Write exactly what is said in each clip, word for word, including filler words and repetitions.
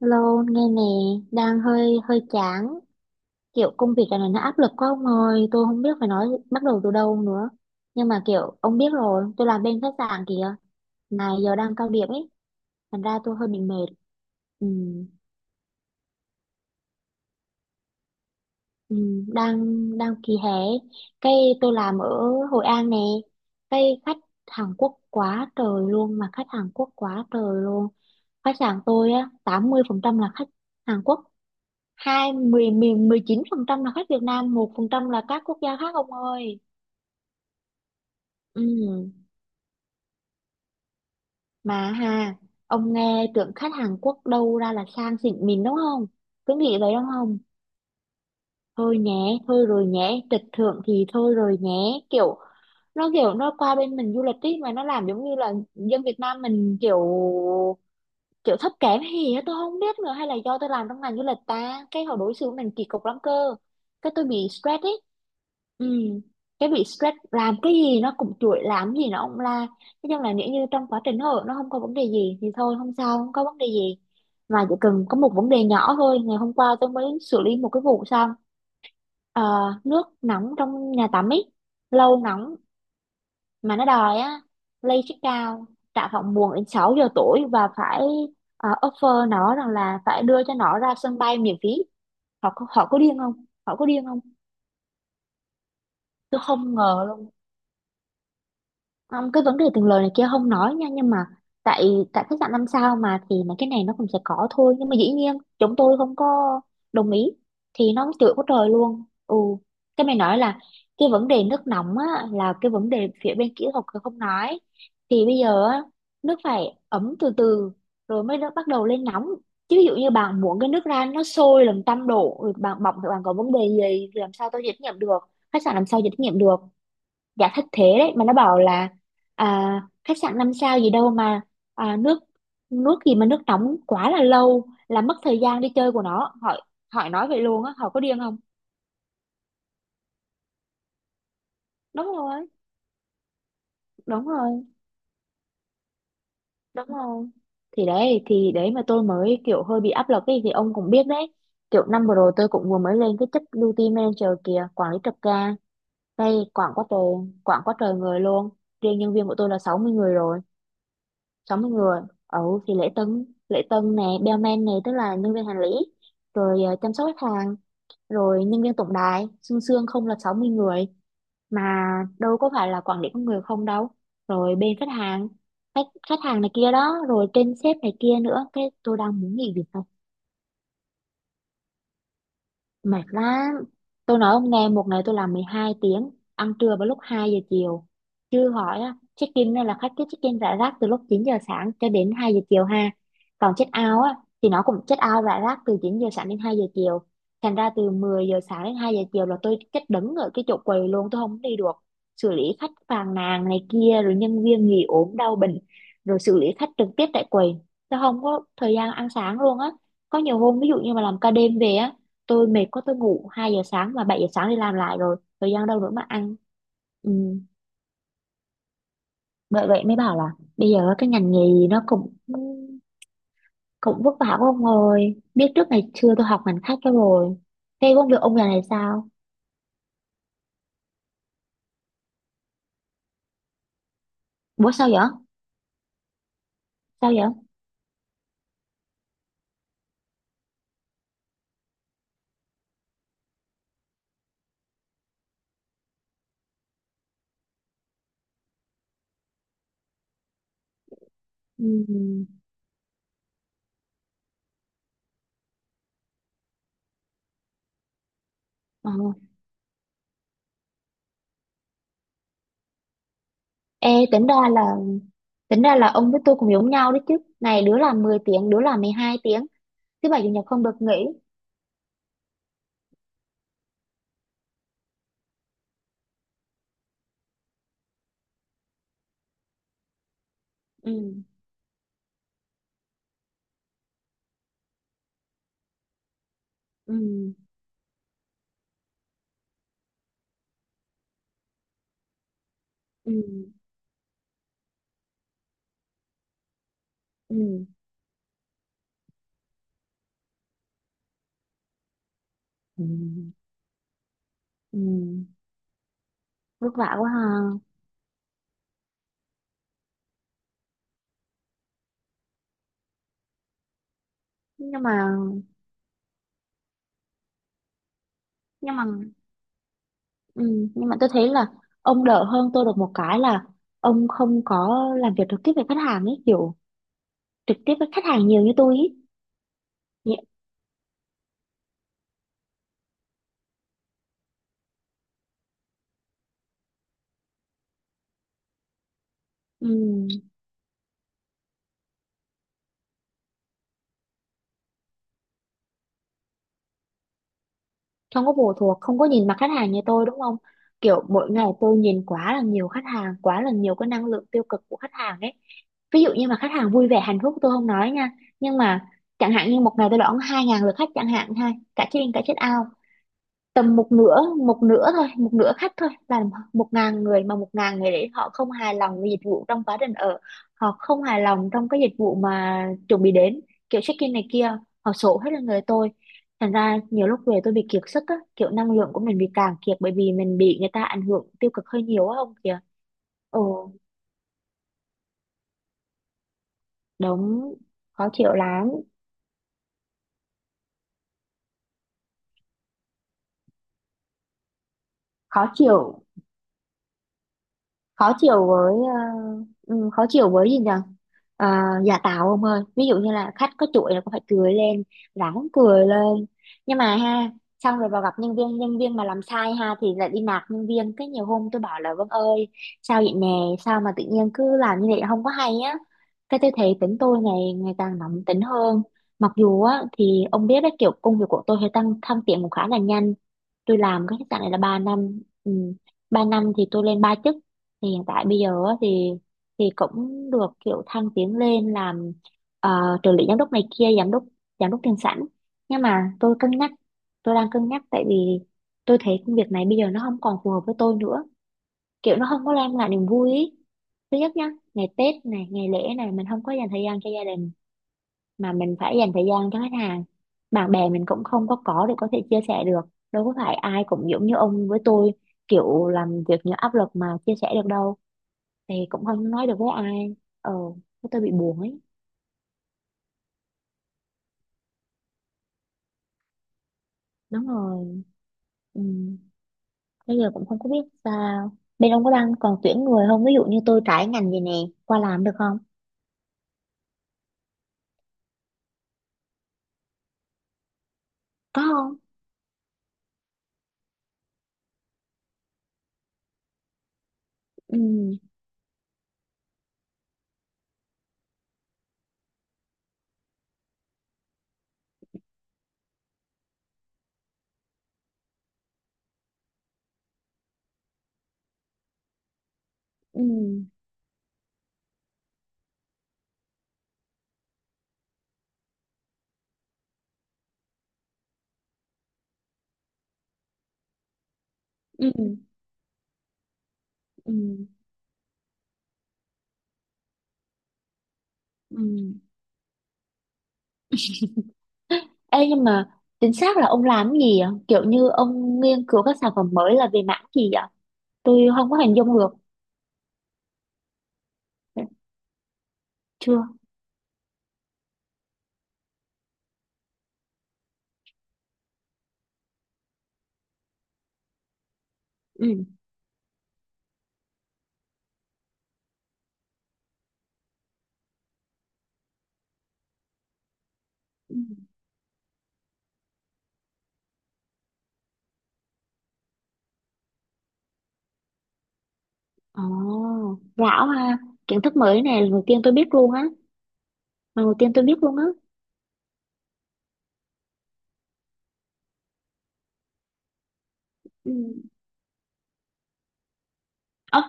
Hello, nghe nè, đang hơi hơi chán, kiểu công việc này nó áp lực quá ông ơi, tôi không biết phải nói bắt đầu từ đâu nữa. Nhưng mà kiểu ông biết rồi, tôi làm bên khách sạn kìa, mà giờ đang cao điểm ấy, thành ra tôi hơi bị mệt. Ừ, ừ, đang đang kỳ hè, cái tôi làm ở Hội An nè, cái khách Hàn Quốc quá trời luôn, mà khách Hàn Quốc quá trời luôn. Khách sạn tôi á, tám mươi phần trăm là khách Hàn Quốc, hai mười miền mười chín phần trăm là khách Việt Nam, một phần trăm là các quốc gia khác ông ơi. Ừ, mà ha, ông nghe tưởng khách Hàn Quốc đâu ra là sang xịn mình đúng không? Cứ nghĩ vậy đúng không? Thôi nhé, thôi rồi nhé, trịch thượng thì thôi rồi nhé. Kiểu nó kiểu nó qua bên mình du lịch ý, mà nó làm giống như là dân Việt Nam mình kiểu kiểu thấp kém hay gì á, tôi không biết nữa. Hay là do tôi làm trong ngành du lịch ta, cái họ đối xử với mình kỳ cục lắm cơ, cái tôi bị stress ấy. Ừ, cái bị stress làm cái gì nó cũng chuỗi, làm gì nó cũng la. Thế nhưng là nếu như trong quá trình hội nó không có vấn đề gì thì thôi, không sao, không có vấn đề gì. Mà chỉ cần có một vấn đề nhỏ thôi, ngày hôm qua tôi mới xử lý một cái vụ xong. Ờ, nước nóng trong nhà tắm ấy lâu nóng, mà nó đòi á lay check out tại phòng buồn đến sáu giờ tối và phải ờ, offer nó rằng là phải đưa cho nó ra sân bay miễn phí. Họ có, họ có điên không, họ có điên không? Tôi không ngờ luôn. Không, cái vấn đề tiền lời này kia không nói nha, nhưng mà tại tại khách sạn năm sao mà thì mấy cái này nó cũng sẽ có thôi, nhưng mà dĩ nhiên chúng tôi không có đồng ý thì nó chửi quá trời luôn. Ừ, cái mày nói là cái vấn đề nước nóng á là cái vấn đề phía bên kỹ thuật không nói. Thì bây giờ á, nước phải ấm từ từ rồi mới nó bắt đầu lên nóng, chứ ví dụ như bạn muốn cái nước ra nó sôi làm trăm độ rồi bạn bỏng thì bạn có vấn đề gì thì làm sao tôi trách nhiệm được, khách sạn làm sao chịu trách nhiệm được. Dạ thất thế đấy, mà nó bảo là, à, khách sạn năm sao gì đâu mà, à, nước nước gì mà nước nóng quá là lâu là mất thời gian đi chơi của nó. Hỏi, hỏi nói vậy luôn á, hỏi có điên không? Đúng rồi, đúng rồi, đúng rồi, thì đấy thì đấy mà tôi mới kiểu hơi bị áp lực ấy, thì ông cũng biết đấy, kiểu năm vừa rồi tôi cũng vừa mới lên cái chức duty manager kìa, quản lý trực ca đây. Quảng quá trời quảng quá trời người luôn, riêng nhân viên của tôi là sáu mươi người rồi, sáu mươi người Ừ, thì lễ tân lễ tân nè, bellman này, tức là nhân viên hành lý, rồi ờ, chăm sóc khách hàng, rồi nhân viên tổng đài xương xương không là sáu mươi người. Mà đâu có phải là quản lý con người không đâu, rồi bên khách hàng, khách khách hàng này kia đó, rồi trên sếp này kia nữa, cái tôi đang muốn nghỉ việc. Mệt lắm, tôi nói ông nghe, một ngày tôi làm mười hai tiếng, ăn trưa vào lúc hai giờ chiều. Chứ hỏi á, check in là khách cứ check in rải rác từ lúc chín giờ sáng cho đến hai giờ chiều ha. Còn check out á thì nó cũng check out rải rác từ chín giờ sáng đến hai giờ chiều. Thành ra từ mười giờ sáng đến hai giờ chiều là tôi chết đứng ở cái chỗ quầy luôn, tôi không đi được. Xử lý khách phàn nàn này kia, rồi nhân viên nghỉ ốm đau bệnh, rồi xử lý khách trực tiếp tại quầy, tôi không có thời gian ăn sáng luôn á. Có nhiều hôm ví dụ như mà làm ca đêm về á, tôi mệt quá, tôi ngủ hai giờ sáng và bảy giờ sáng đi làm lại, rồi thời gian đâu nữa mà ăn. Ừ. Bởi vậy mới bảo là bây giờ cái ngành nghề nó cũng cũng vất vả quá ông ơi, biết trước ngày xưa tôi học ngành khác cho rồi. Thế công việc ông giờ này sao? Bố sao vậy? Sao vậy? Ừ. Ờ. Ê, tính ra là, tính ra là ông với tôi cũng giống nhau đấy chứ, này đứa làm mười tiếng đứa làm mười hai tiếng, thứ bảy chủ nhật không được nghỉ. Ừ. Ừ. Ừ. Ừ. Ừ. Ừ. Vất vả quá ha. Nhưng mà, nhưng mà, ừ, nhưng mà tôi thấy là ông đỡ hơn tôi được một cái là ông không có làm việc trực tiếp với khách hàng ấy, kiểu trực tiếp với khách hàng nhiều như tôi ấy. Nhị- ừ, không có phụ thuộc, không có nhìn mặt khách hàng như tôi đúng không? Kiểu mỗi ngày tôi nhìn quá là nhiều khách hàng, quá là nhiều cái năng lượng tiêu cực của khách hàng ấy. Ví dụ như mà khách hàng vui vẻ hạnh phúc tôi không nói nha, nhưng mà chẳng hạn như một ngày tôi đón hai ngàn lượt khách chẳng hạn ha, cả trên, cả trên out. Tầm một nửa, một nửa thôi một nửa khách thôi là một ngàn người, mà một ngàn người đấy họ không hài lòng với dịch vụ trong quá trình ở, họ không hài lòng trong cái dịch vụ mà chuẩn bị đến, kiểu check in này kia, họ sổ hết là người tôi. Thành ra nhiều lúc về tôi bị kiệt sức á, kiểu năng lượng của mình bị cạn kiệt bởi vì mình bị người ta ảnh hưởng tiêu cực hơi nhiều á, không kìa. Ồ, đúng, khó chịu lắm, khó chịu. Khó chịu với ờ, ừ, khó chịu với gì nhỉ? Ờ, giả tạo ông ơi, ví dụ như là khách có chuỗi là cũng phải cười lên, ráng cười lên. Nhưng mà ha, xong rồi vào gặp nhân viên, nhân viên mà làm sai ha thì lại đi nạt nhân viên, cái nhiều hôm tôi bảo là Vân ơi, sao vậy nè, sao mà tự nhiên cứ làm như vậy không có hay á. Cái tôi thấy tính tôi ngày ngày càng nóng tính hơn. Mặc dù á thì ông biết đấy, kiểu công việc của tôi hơi tăng thăng tiến cũng khá là nhanh, tôi làm cái khách sạn này là ba năm. Ừ. ba năm thì tôi lên ba chức, thì hiện tại bây giờ á thì thì cũng được kiểu thăng tiến lên làm ờ, trợ lý giám đốc này kia, giám đốc, giám đốc tiền sảnh. Nhưng mà tôi cân nhắc, tôi đang cân nhắc tại vì tôi thấy công việc này bây giờ nó không còn phù hợp với tôi nữa, kiểu nó không có đem lại niềm vui ý. Thứ nhất nhá, ngày Tết này ngày lễ này mình không có dành thời gian cho gia đình, mà mình phải dành thời gian cho khách hàng. Bạn bè mình cũng không có có để có thể chia sẻ được, đâu có phải ai cũng giống như ông với tôi, kiểu làm việc những áp lực mà chia sẻ được đâu, thì cũng không nói được với ai. Ờ, cái tôi bị buồn ấy. Đúng rồi. Ừ. Bây giờ cũng không có biết sao, bên ông có đang còn tuyển người không? Ví dụ như tôi trải ngành vậy nè qua làm được không? Có không? Ừ. Ừ. Ừ. Ừ. Ừ. Ê, nhưng mà chính xác là ông làm cái gì ạ, kiểu như ông nghiên cứu các sản phẩm mới là về mảng gì ạ? Tôi không có hình dung được. Chưa. Ừ. Ừ. Ồ, lão ha, kiến thức mới này, lần đầu tiên tôi biết luôn á, lần đầu tiên tôi biết luôn á. Ừ.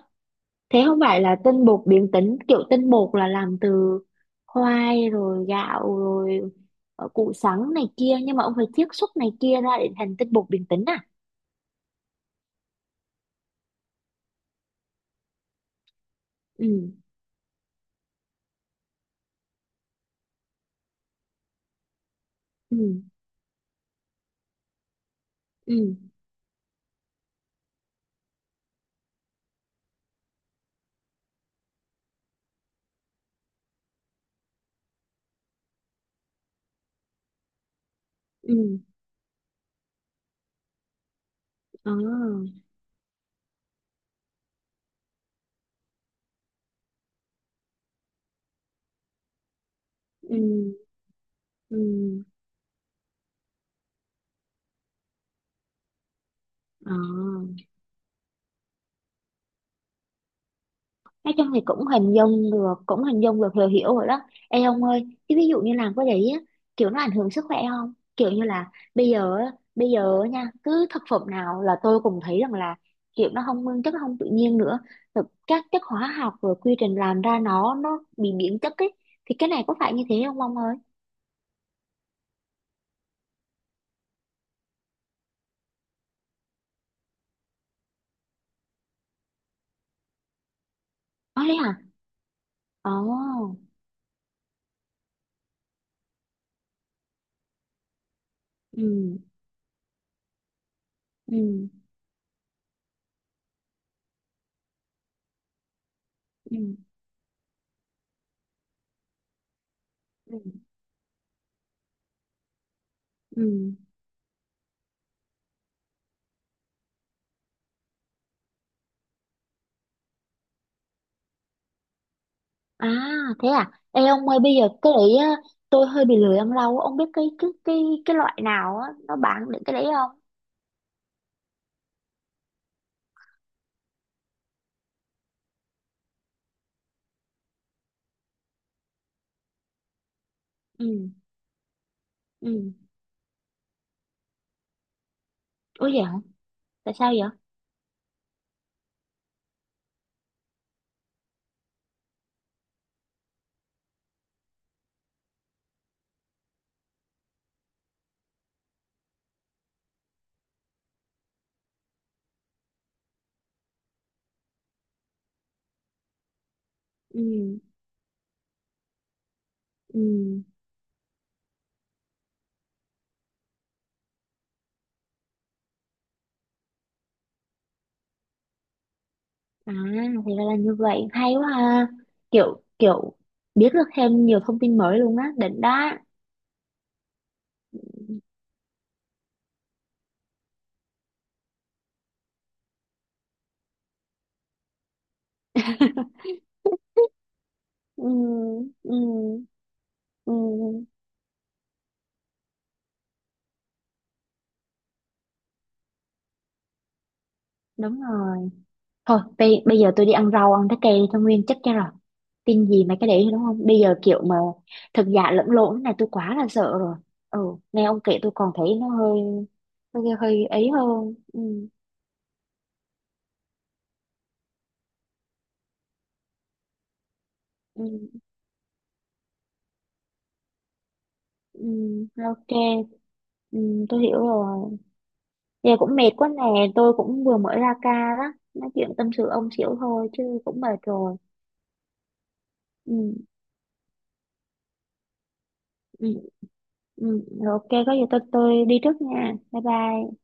Thế không phải là tinh bột biến tính, kiểu tinh bột là làm từ khoai rồi gạo rồi ờ, củ sắn này kia, nhưng mà ông phải chiết xuất này kia ra để thành tinh bột biến tính à? Ừ. Ừ. Ừ. Ừ. Ờ. Ừ. Ừ. Ờ. Nói chung thì cũng hình dung được, cũng hình dung được, hiểu hiểu rồi đó. Ê ông ơi, chứ ví dụ như làm cái đấy á, kiểu nó ảnh hưởng sức khỏe không, kiểu như là bây giờ á, bây giờ á nha, cứ thực phẩm nào là tôi cũng thấy rằng là kiểu nó không nguyên chất, nó không tự nhiên nữa, rồi các chất hóa học rồi quy trình làm ra nó nó bị biến chất ấy, thì cái này có phải như thế không ông ơi? Nói đấy hả? Ồ. Ừ. Ừ. Ừ. Ừ. Ừ. À, thế à? Ê ông ơi, bây giờ cái đấy á, tôi hơi bị lười ăn rau á. Ông biết cái cái cái cái loại nào á nó bán được cái đấy không? Ừ. Ừ. Ủa vậy hả? Tại sao vậy? Ừ. Ừ. À, thì ra là như vậy, hay quá ha. Kiểu kiểu biết được thêm nhiều thông tin mới luôn á, đỉnh đó. Ừ. Ừ. Ừ. Đúng rồi. Thôi bây, bây giờ tôi đi ăn rau ăn trái cây đi cho nguyên chất cho rồi, tin gì mà cái đấy đúng không, bây giờ kiểu mà thật giả lẫn lộn thế này tôi quá là sợ rồi. Ừ. Nghe ông kể tôi còn thấy nó hơi, hơi, hơi ấy hơn. Ừ, ừ, ừ, ok. Ừ, tôi hiểu rồi. Giờ cũng mệt quá nè, tôi cũng vừa mới ra ca đó, nói chuyện tâm sự ông xỉu thôi chứ cũng mệt rồi. Ừ, ừ, ừ, rồi, ok, có gì tôi tôi đi trước nha, bye bye.